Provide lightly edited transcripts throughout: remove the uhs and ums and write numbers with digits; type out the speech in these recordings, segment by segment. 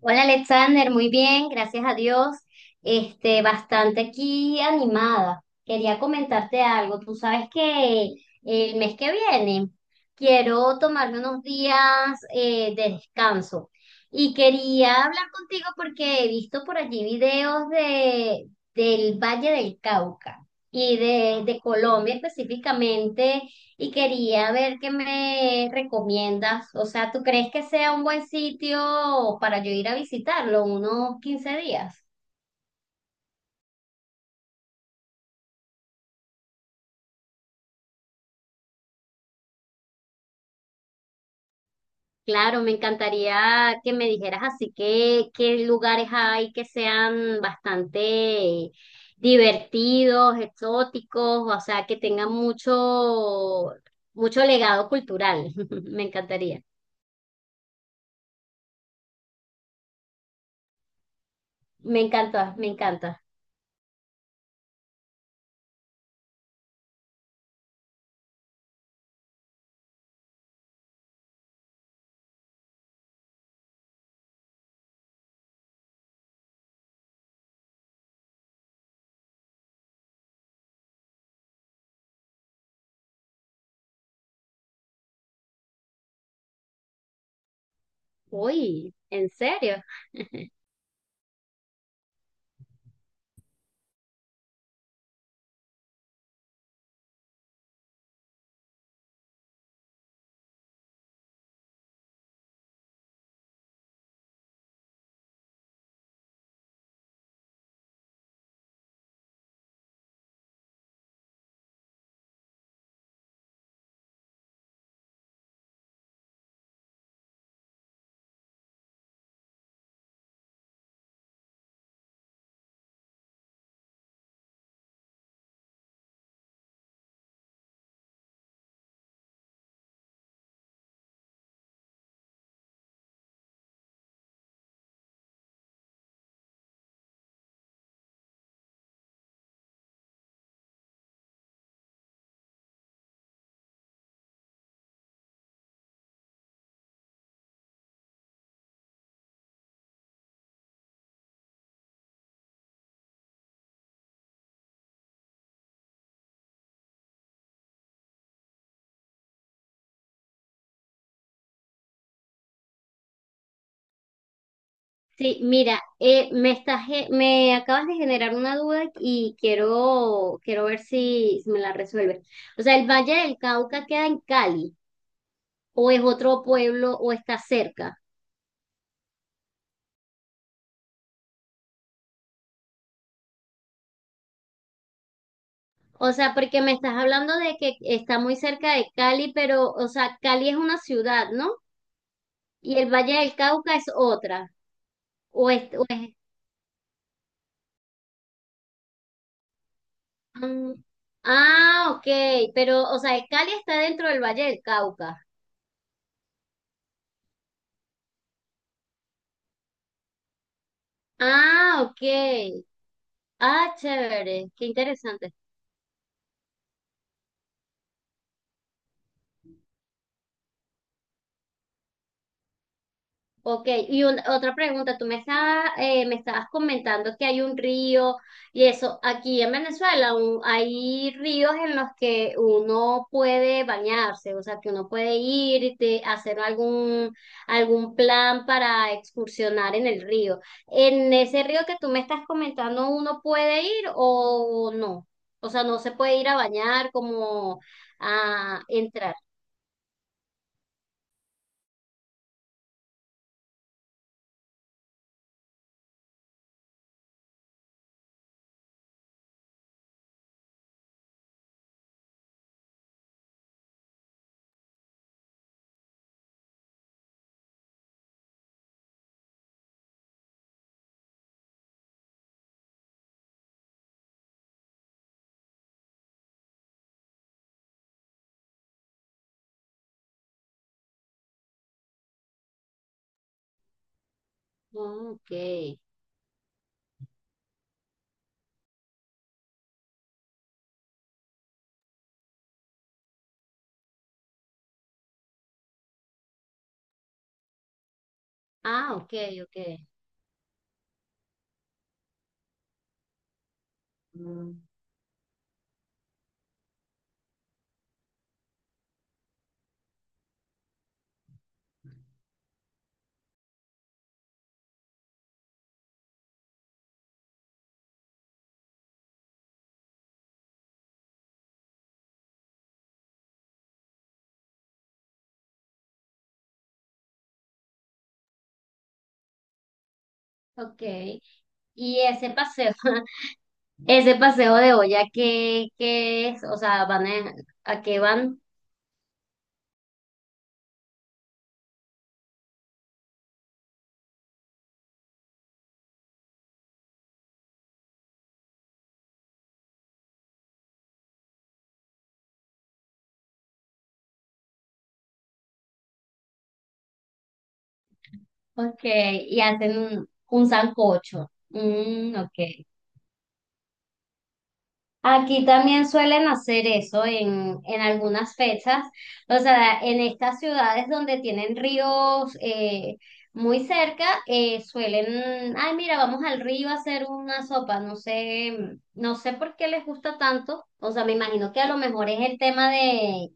Hola Alexander, muy bien, gracias a Dios. Este, bastante aquí animada. Quería comentarte algo. Tú sabes que el mes que viene quiero tomarme unos días de descanso y quería hablar contigo porque he visto por allí videos del Valle del Cauca y de Colombia específicamente y quería ver qué me recomiendas. O sea, ¿tú crees que sea un buen sitio para yo ir a visitarlo unos 15 días? Claro, me encantaría que me dijeras así que qué lugares hay que sean bastante divertidos, exóticos, o sea, mucho legado cultural. Me encantaría. Me encanta, me encanta. Uy, ¿en serio? Sí, mira, me acabas de generar una duda y quiero ver si me la resuelves. O sea, ¿el Valle del Cauca queda en Cali o es otro pueblo o está cerca? O sea, porque me estás hablando de que está muy cerca de Cali, pero, o sea, Cali es una ciudad, ¿no? Y el Valle del Cauca es otra. O es, o es- mm, ah, ok, pero, o sea, el Cali está dentro del Valle del Cauca. Ah, ok. Ah, chévere, qué interesante. Ok, otra pregunta, tú me estabas comentando que hay un río y eso, aquí en Venezuela hay ríos en los que uno puede bañarse, o sea, que uno puede ir hacer algún plan para excursionar en el río. ¿En ese río que tú me estás comentando uno puede ir o no? O sea, no se puede ir a bañar como a entrar. Mm, ok, ah, ok, ok. Mm. Ok, y ese paseo, ese paseo de olla, ¿qué es? O sea, van ¿a qué van? Ok, y hacen un sancocho. Mm, ok. Aquí también suelen hacer eso en algunas fechas, o sea, en estas ciudades donde tienen ríos muy cerca, suelen, ay, mira, vamos al río a hacer una sopa, no sé, no sé por qué les gusta tanto, o sea, me imagino que a lo mejor es el tema de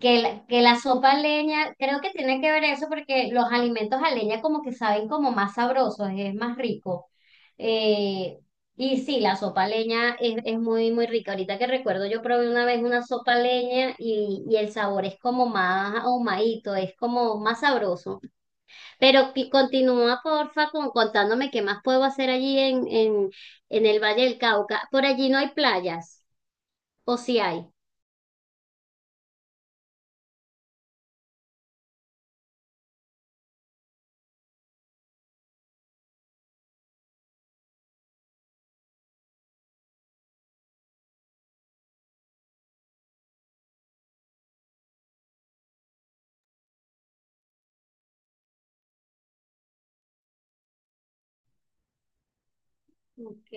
Que la sopa a leña, creo que tiene que ver eso porque los alimentos a leña como que saben como más sabrosos, es más rico. Eh, y sí, la sopa a leña es muy, muy rica. Ahorita que recuerdo, yo probé una vez una sopa a leña y el sabor es como más ahumadito, es como más sabroso. Pero que continúa, porfa, contándome qué más puedo hacer en el Valle del Cauca. Por allí no hay playas, o si hay. Ok.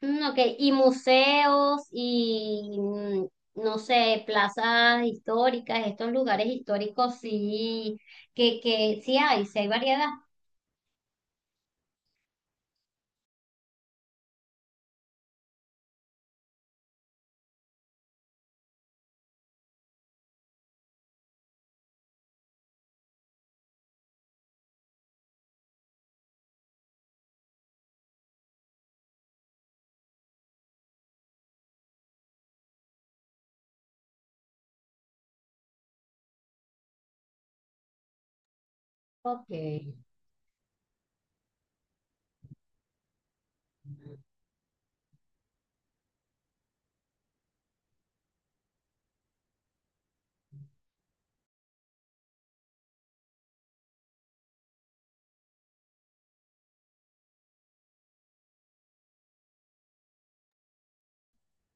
Mm, ok, y museos y, mm, no sé, plazas históricas, estos lugares históricos, sí, que sí hay variedad. Ok,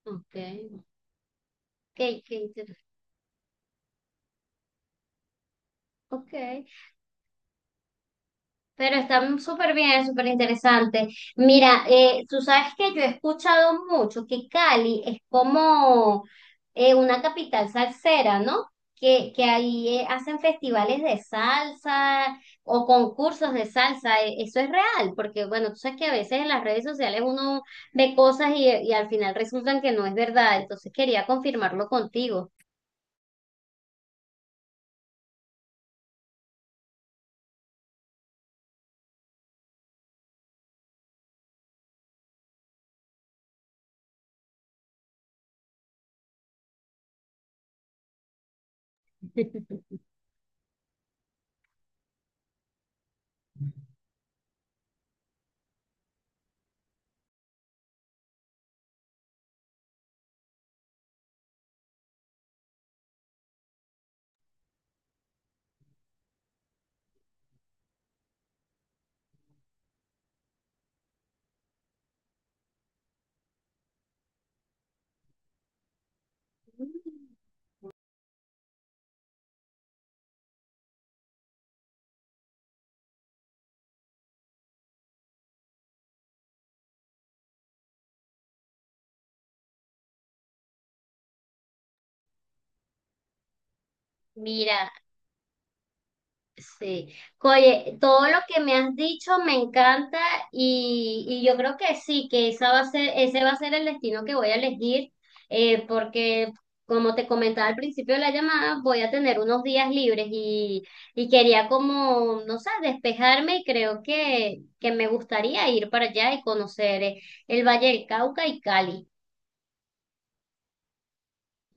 ok, ok. Ok, qué inter-, ok. Pero está súper bien, súper interesante. Mira, tú sabes que yo he escuchado mucho que Cali es como una capital salsera, ¿no? Que ahí hacen festivales de salsa o concursos de salsa. E- eso es real, porque bueno, tú sabes que a veces en las redes sociales uno ve cosas y al final resultan que no es verdad. Entonces quería confirmarlo contigo. Mm, mira. Sí, oye, todo lo que me has dicho me encanta y yo creo que sí, que esa va a ser, ese va a ser el destino que voy a elegir, porque como te comentaba al principio de la llamada, voy a tener unos días libres y quería como, no sé, despejarme y creo que me gustaría ir para allá y conocer el Valle del Cauca y Cali.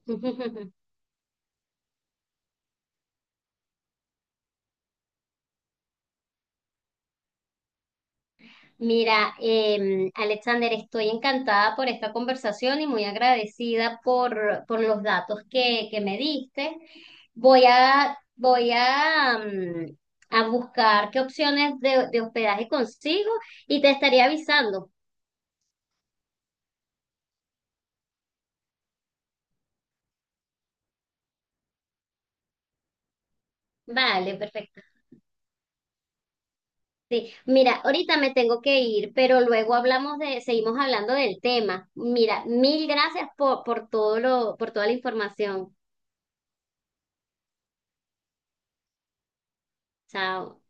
Mira, Alexander, estoy encantada por esta conversación y muy agradecida por los datos que me diste. Voy a, voy a, mm, a buscar qué opciones de hospedaje consigo y te estaré avisando. Vale, perfecto. Sí, mira, ahorita me tengo que ir, pero luego hablamos de, seguimos hablando del tema. Mira, mil gracias por todo por toda la información. Chao.